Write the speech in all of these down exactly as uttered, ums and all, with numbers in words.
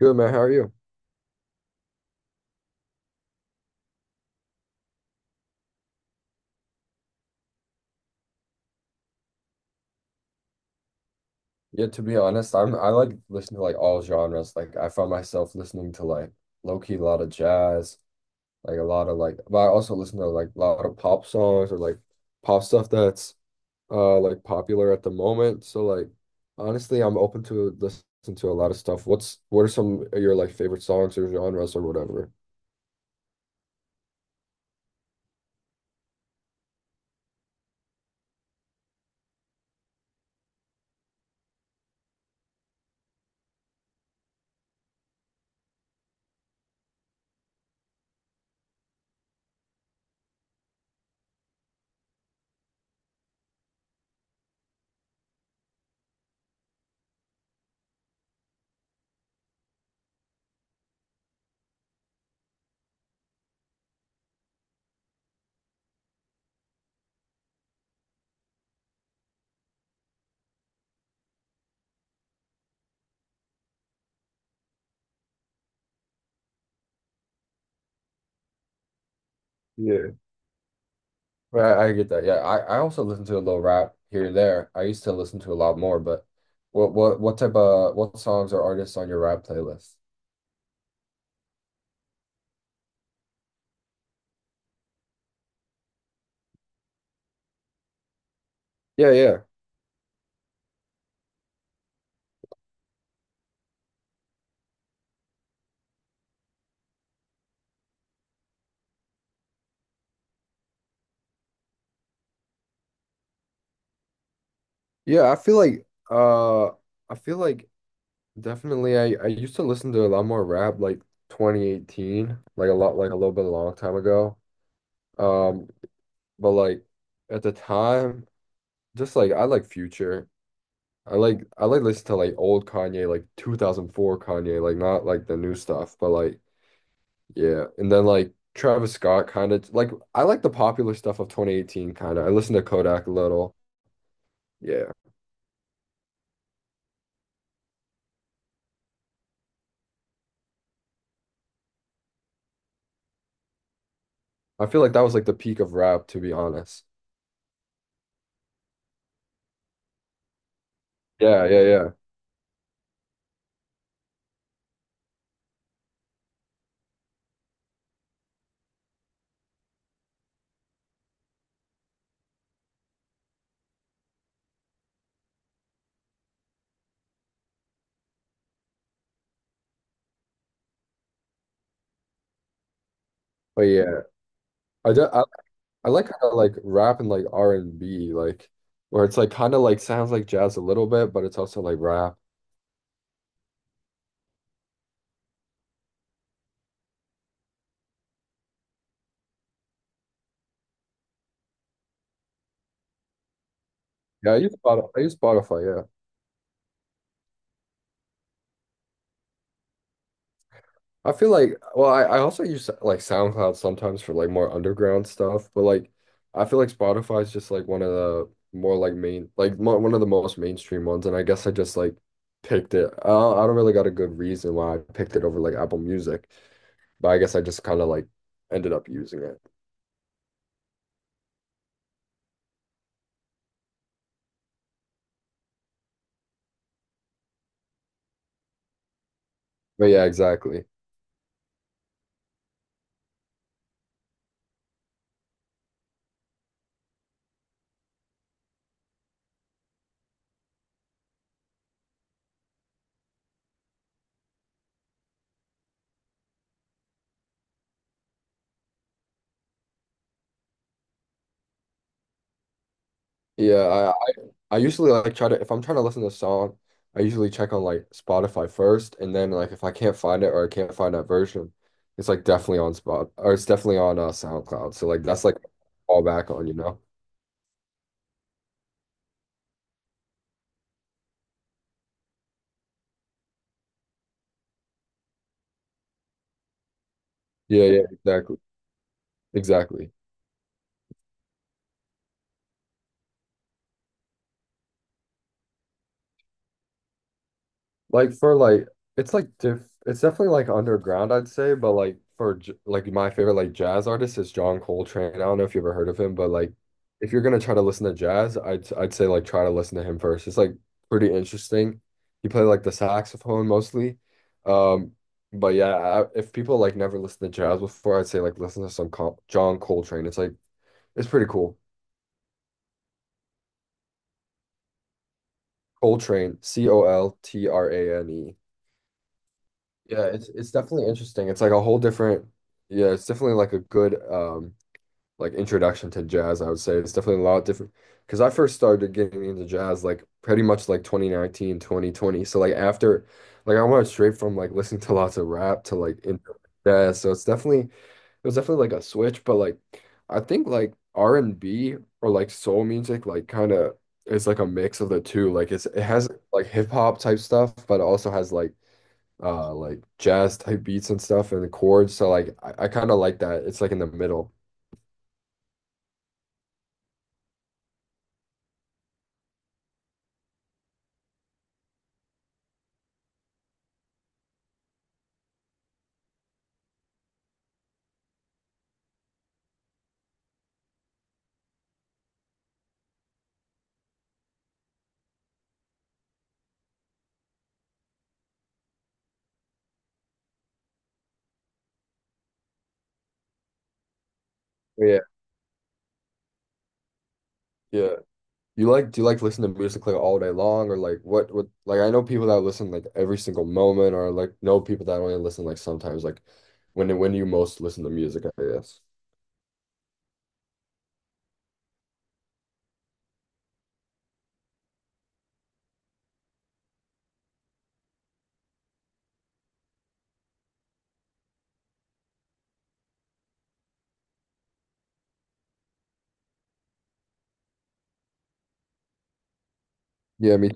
Good man, how are you? Yeah, to be honest, I'm I like listen to like all genres. Like I found myself listening to like low key a lot of jazz, like a lot of like but I also listen to like a lot of pop songs or like pop stuff that's uh like popular at the moment. So like honestly, I'm open to listen to a lot of stuff. What's what are some of your like favorite songs or genres or whatever? Right, I get that. Yeah, I, I also listen to a little rap here and there. I used to listen to a lot more, but what what what type of what songs or artists on your rap playlist? Yeah, yeah. Yeah, I feel like uh I feel like definitely I I used to listen to a lot more rap like twenty eighteen, like a lot like a little bit a long time ago. Um but like at the time just like I like Future. I like I like listen to like old Kanye, like two thousand four Kanye, like not like the new stuff, but like yeah, and then like Travis Scott kind of like I like the popular stuff of twenty eighteen kind of. I listened to Kodak a little. Yeah. I feel like that was like the peak of rap, to be honest. Yeah, yeah, yeah. But yeah, I do, I, I like kind of like rap and like R and B like where it's like kind of like sounds like jazz a little bit, but it's also like rap. Yeah, I use Spotify. I use Spotify, yeah. I feel like, well, I, I also use like SoundCloud sometimes for like more underground stuff, but like I feel like Spotify is just like one of the more like main, like mo one of the most mainstream ones, and I guess I just like picked it. I don't, I don't really got a good reason why I picked it over like Apple Music, but I guess I just kind of like ended up using it. But yeah, exactly. Yeah, I, I, I usually like try to, if I'm trying to listen to a song, I usually check on like Spotify first, and then like if I can't find it or I can't find that version, it's like definitely on Spot or it's definitely on uh, SoundCloud. So like that's like all back on, you know? Yeah, yeah, exactly, exactly. Like for like it's like diff it's definitely like underground I'd say, but like for j like my favorite like jazz artist is John Coltrane. I don't know if you ever heard of him, but like if you're gonna try to listen to jazz, I'd I'd say like try to listen to him first. It's like pretty interesting. He played like the saxophone mostly. Um but yeah, I, if people like never listened to jazz before, I'd say like listen to some Col John Coltrane. It's like it's pretty cool. Coltrane C O L T R A N E. Yeah, it's it's definitely interesting. It's like a whole different, yeah, it's definitely like a good um like introduction to jazz, I would say. It's definitely a lot different because I first started getting into jazz like pretty much like twenty nineteen twenty twenty. So like after like I went straight from like listening to lots of rap to like into jazz. So it's definitely it was definitely like a switch, but like I think like R and B or like soul music like kind of is like a mix of the two. Like it's it has like hip hop type stuff, but it also has like uh like jazz type beats and stuff and the chords. So like I, I kind of like that. It's like in the middle. Yeah, yeah. You like, do you like listen to music like all day long, or like what what like I know people that listen like every single moment, or like know people that only listen like sometimes like when when you most listen to music, I guess. Yeah, me.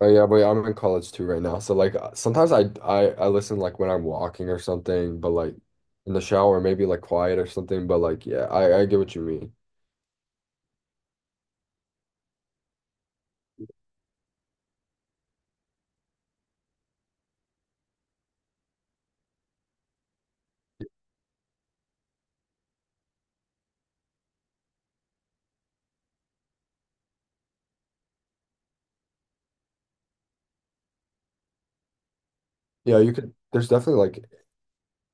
Oh yeah, but I'm in college too right now. So like uh, sometimes I I I listen like when I'm walking or something, but like in the shower maybe like quiet or something. But like yeah, I I get what you mean. Yeah, you could. There's definitely like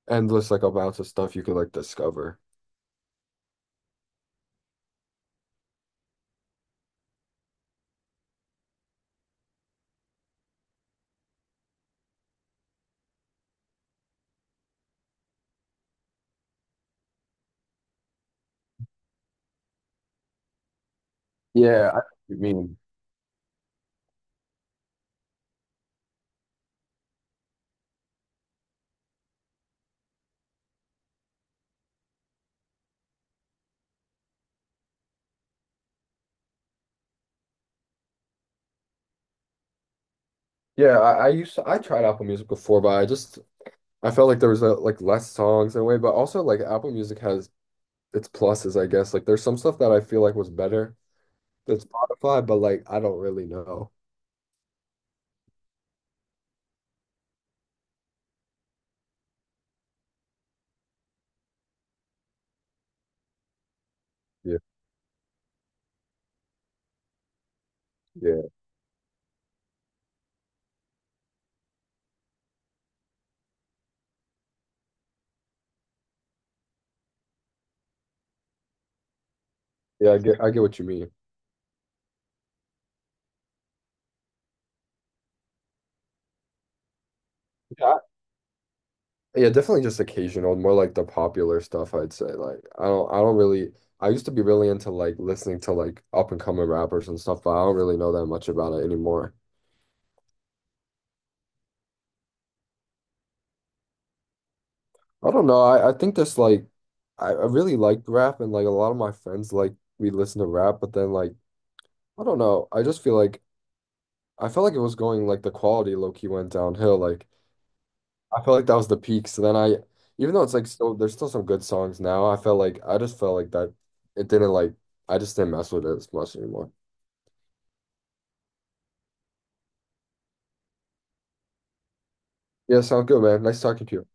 endless like amounts of stuff you could like discover. Yeah, I, you mean, yeah, I, I used to I tried Apple Music before, but I just I felt like there was a, like less songs in a way, but also like Apple Music has its pluses, I guess. Like there's some stuff that I feel like was better than Spotify, but like I don't really know. Yeah, yeah, yeah. I get I get what you mean. Yeah, I- yeah, definitely just occasional, more like the popular stuff, I'd say. Like I don't I don't really. I used to be really into like listening to like up and coming rappers and stuff, but I don't really know that much about it anymore. I don't know. I, I think that's like I, I really liked rap and like a lot of my friends like we listen to rap, but then like I don't know. I just feel like I felt like it was going like the quality low key went downhill. Like I felt like that was the peak. So then I, even though it's like still there's still some good songs now, I felt like I just felt like that it didn't like I just didn't mess with it as much anymore. Yeah, sounds good, man. Nice talking to you.